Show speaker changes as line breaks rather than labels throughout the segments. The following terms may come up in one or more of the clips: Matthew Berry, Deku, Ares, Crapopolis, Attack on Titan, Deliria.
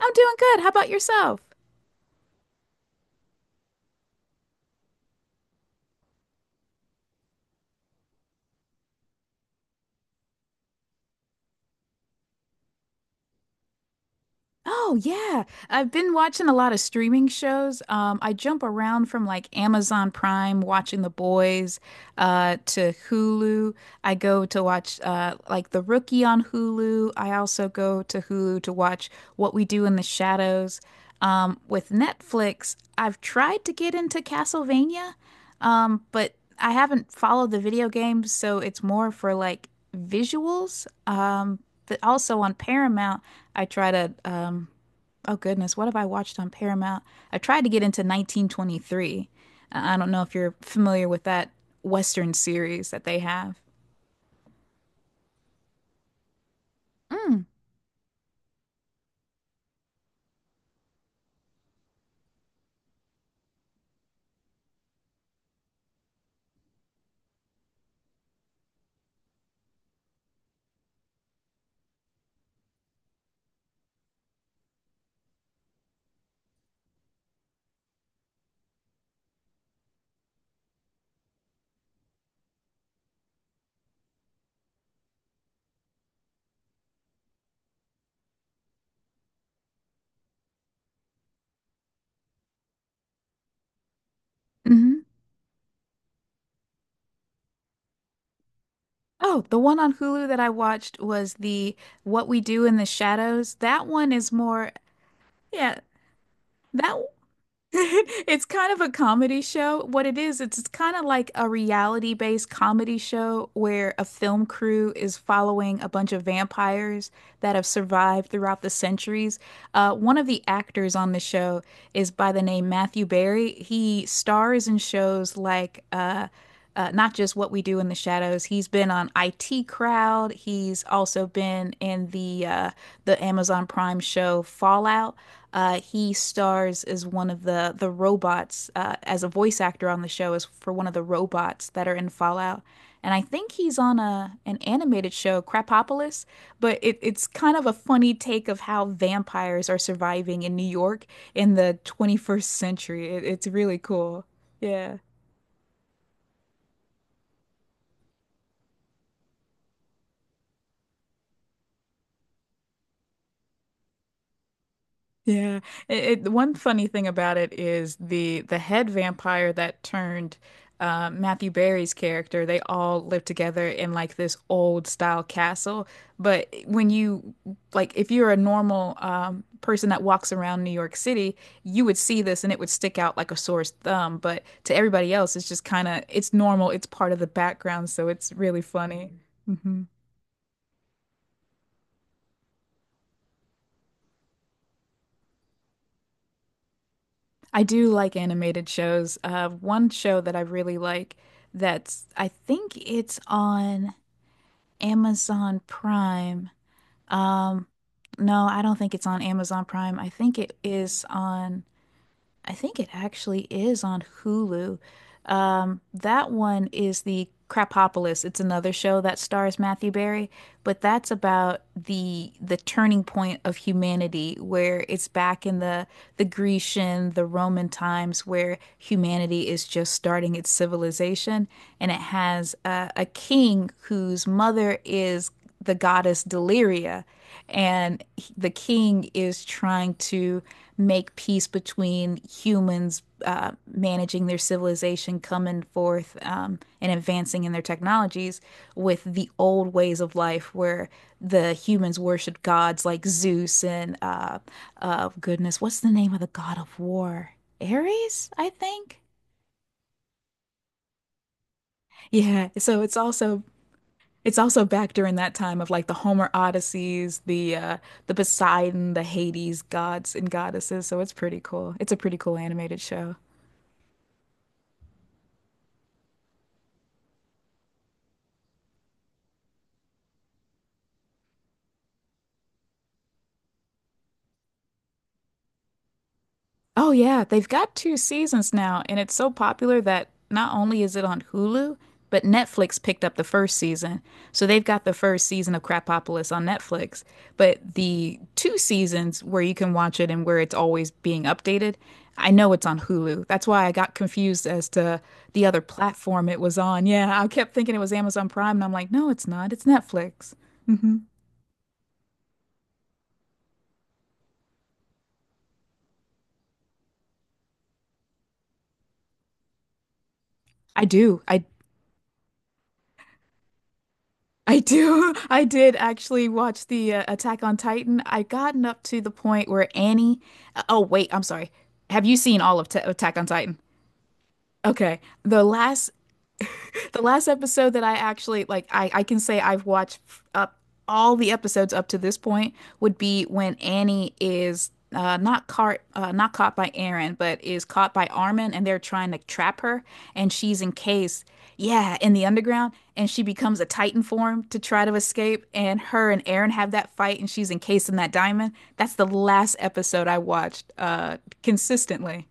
I'm doing good. How about yourself? Oh yeah, I've been watching a lot of streaming shows. I jump around from like Amazon Prime, watching The Boys, to Hulu. I go to watch like The Rookie on Hulu. I also go to Hulu to watch What We Do in the Shadows. With Netflix, I've tried to get into Castlevania, but I haven't followed the video games, so it's more for like visuals. But also on Paramount. I try to oh goodness, what have I watched on Paramount? I tried to get into 1923. I don't know if you're familiar with that Western series that they have. Mm. Hmm. Oh, the one on Hulu that I watched was the What We Do in the Shadows. That one is more, yeah, that it's kind of a comedy show. What it is, it's kind of like a reality-based comedy show where a film crew is following a bunch of vampires that have survived throughout the centuries. One of the actors on the show is by the name Matthew Berry. He stars in shows like not just What We Do in the Shadows. He's been on IT Crowd. He's also been in the Amazon Prime show Fallout. He stars as one of the robots as a voice actor on the show as for one of the robots that are in Fallout. And I think he's on a an animated show, Crapopolis, but it's kind of a funny take of how vampires are surviving in New York in the 21st century. It's really cool. Yeah. Yeah. One funny thing about it is the head vampire that turned Matthew Barry's character. They all live together in like this old style castle. But when you like if you're a normal person that walks around New York City, you would see this and it would stick out like a sore thumb. But to everybody else, it's just kind of it's normal. It's part of the background, so it's really funny. I do like animated shows. One show that I really like, that's I think it's on Amazon Prime. Um, no, I don't think it's on Amazon Prime. I think it actually is on Hulu. That one is the Crapopolis. It's another show that stars Matthew Berry, but that's about the turning point of humanity, where it's back in the Grecian, the Roman times, where humanity is just starting its civilization, and it has a king whose mother is the goddess Deliria, and the king is trying to make peace between humans, managing their civilization, coming forth, and advancing in their technologies with the old ways of life where the humans worshiped gods like Zeus and, goodness, what's the name of the god of war? Ares, I think. Yeah, so it's also it's also back during that time of like the Homer Odysseys, the Poseidon, the Hades gods and goddesses, so it's pretty cool. It's a pretty cool animated show. Oh yeah, they've got two seasons now, and it's so popular that not only is it on Hulu, but Netflix picked up the first season. So they've got the first season of Crapopolis on Netflix, but the two seasons where you can watch it and where it's always being updated, I know it's on Hulu. That's why I got confused as to the other platform it was on. Yeah, I kept thinking it was Amazon Prime, and I'm like, no, it's not. It's Netflix. Hmm. I do. I do. I did actually watch the Attack on Titan. I gotten up to the point where Annie. Uh, oh wait, I'm sorry. Have you seen all of Ta Attack on Titan? Okay, the last episode that I actually, like, I can say I've watched up all the episodes up to this point, would be when Annie is not caught not caught by Aaron, but is caught by Armin, and they're trying to trap her, and she's encased, yeah, in the underground, and she becomes a Titan form to try to escape, and her and Aaron have that fight, and she's encased in that diamond. That's the last episode I watched consistently.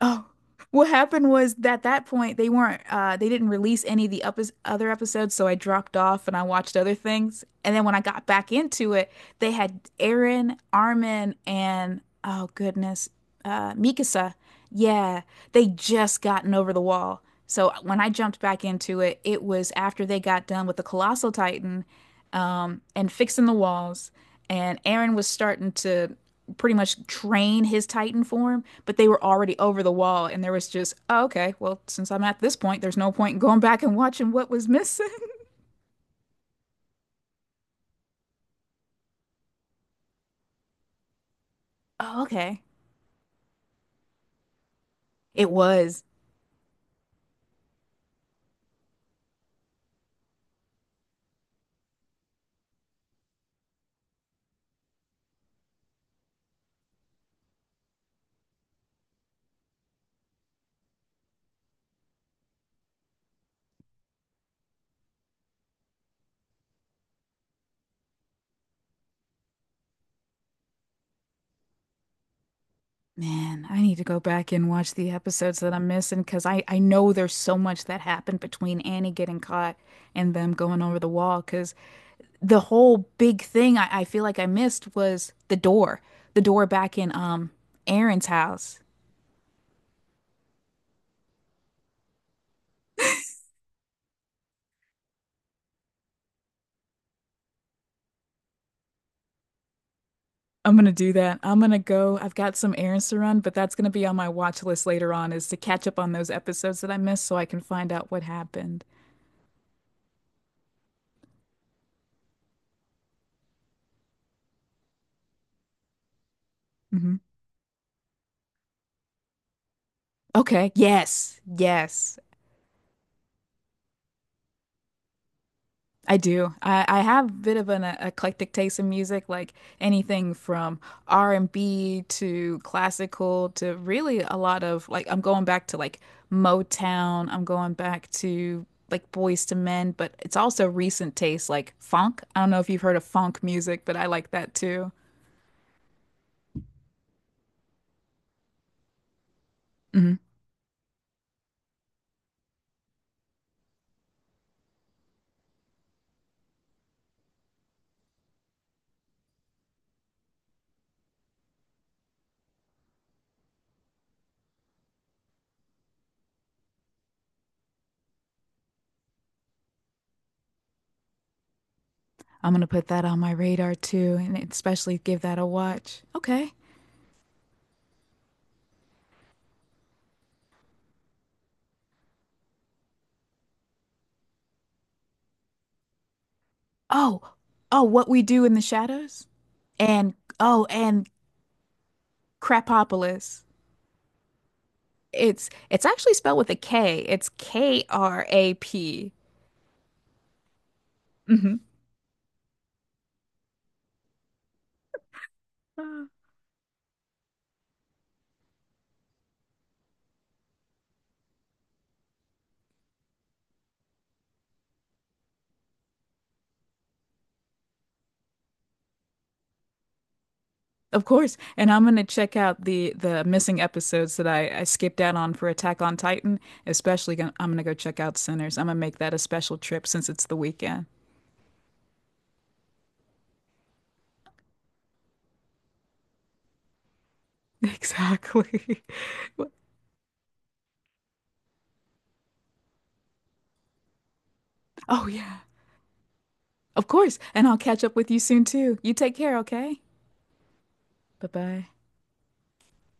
Oh, what happened was that at that point they weren't they didn't release any of the up other episodes, so I dropped off and I watched other things. And then when I got back into it, they had Aaron, Armin, and oh goodness, Mikasa. Yeah, they just gotten over the wall. So when I jumped back into it, it was after they got done with the Colossal Titan and fixing the walls. And Aaron was starting to pretty much train his Titan form, but they were already over the wall. And there was just, oh, okay, well, since I'm at this point, there's no point in going back and watching what was missing. Oh, okay. It was man, I need to go back and watch the episodes that I'm missing because I know there's so much that happened between Annie getting caught and them going over the wall. Because the whole big thing I feel like I missed was the door back in Aaron's house. I'm gonna do that. I'm gonna go. I've got some errands to run, but that's gonna be on my watch list later on is to catch up on those episodes that I missed so I can find out what happened. Hmm. Okay. Yes. Yes. I do. I have a bit of an eclectic taste in music, like anything from R&B to classical to really a lot of like I'm going back to like Motown, I'm going back to like Boys to Men, but it's also recent taste like funk. I don't know if you've heard of funk music, but I like that too. Hmm. I'm gonna put that on my radar too, and especially give that a watch. Okay. Oh, oh, What We Do in the Shadows, and oh, and Crapopolis. It's actually spelled with a K. It's KRAP. Mhm. Ah. Of course. And I'm gonna check out the missing episodes that I skipped out on for Attack on Titan. Especially gonna, I'm gonna go check out Sinners. I'm gonna make that a special trip since it's the weekend. Exactly. Oh yeah. Of course. And I'll catch up with you soon too. You take care, okay? Bye-bye.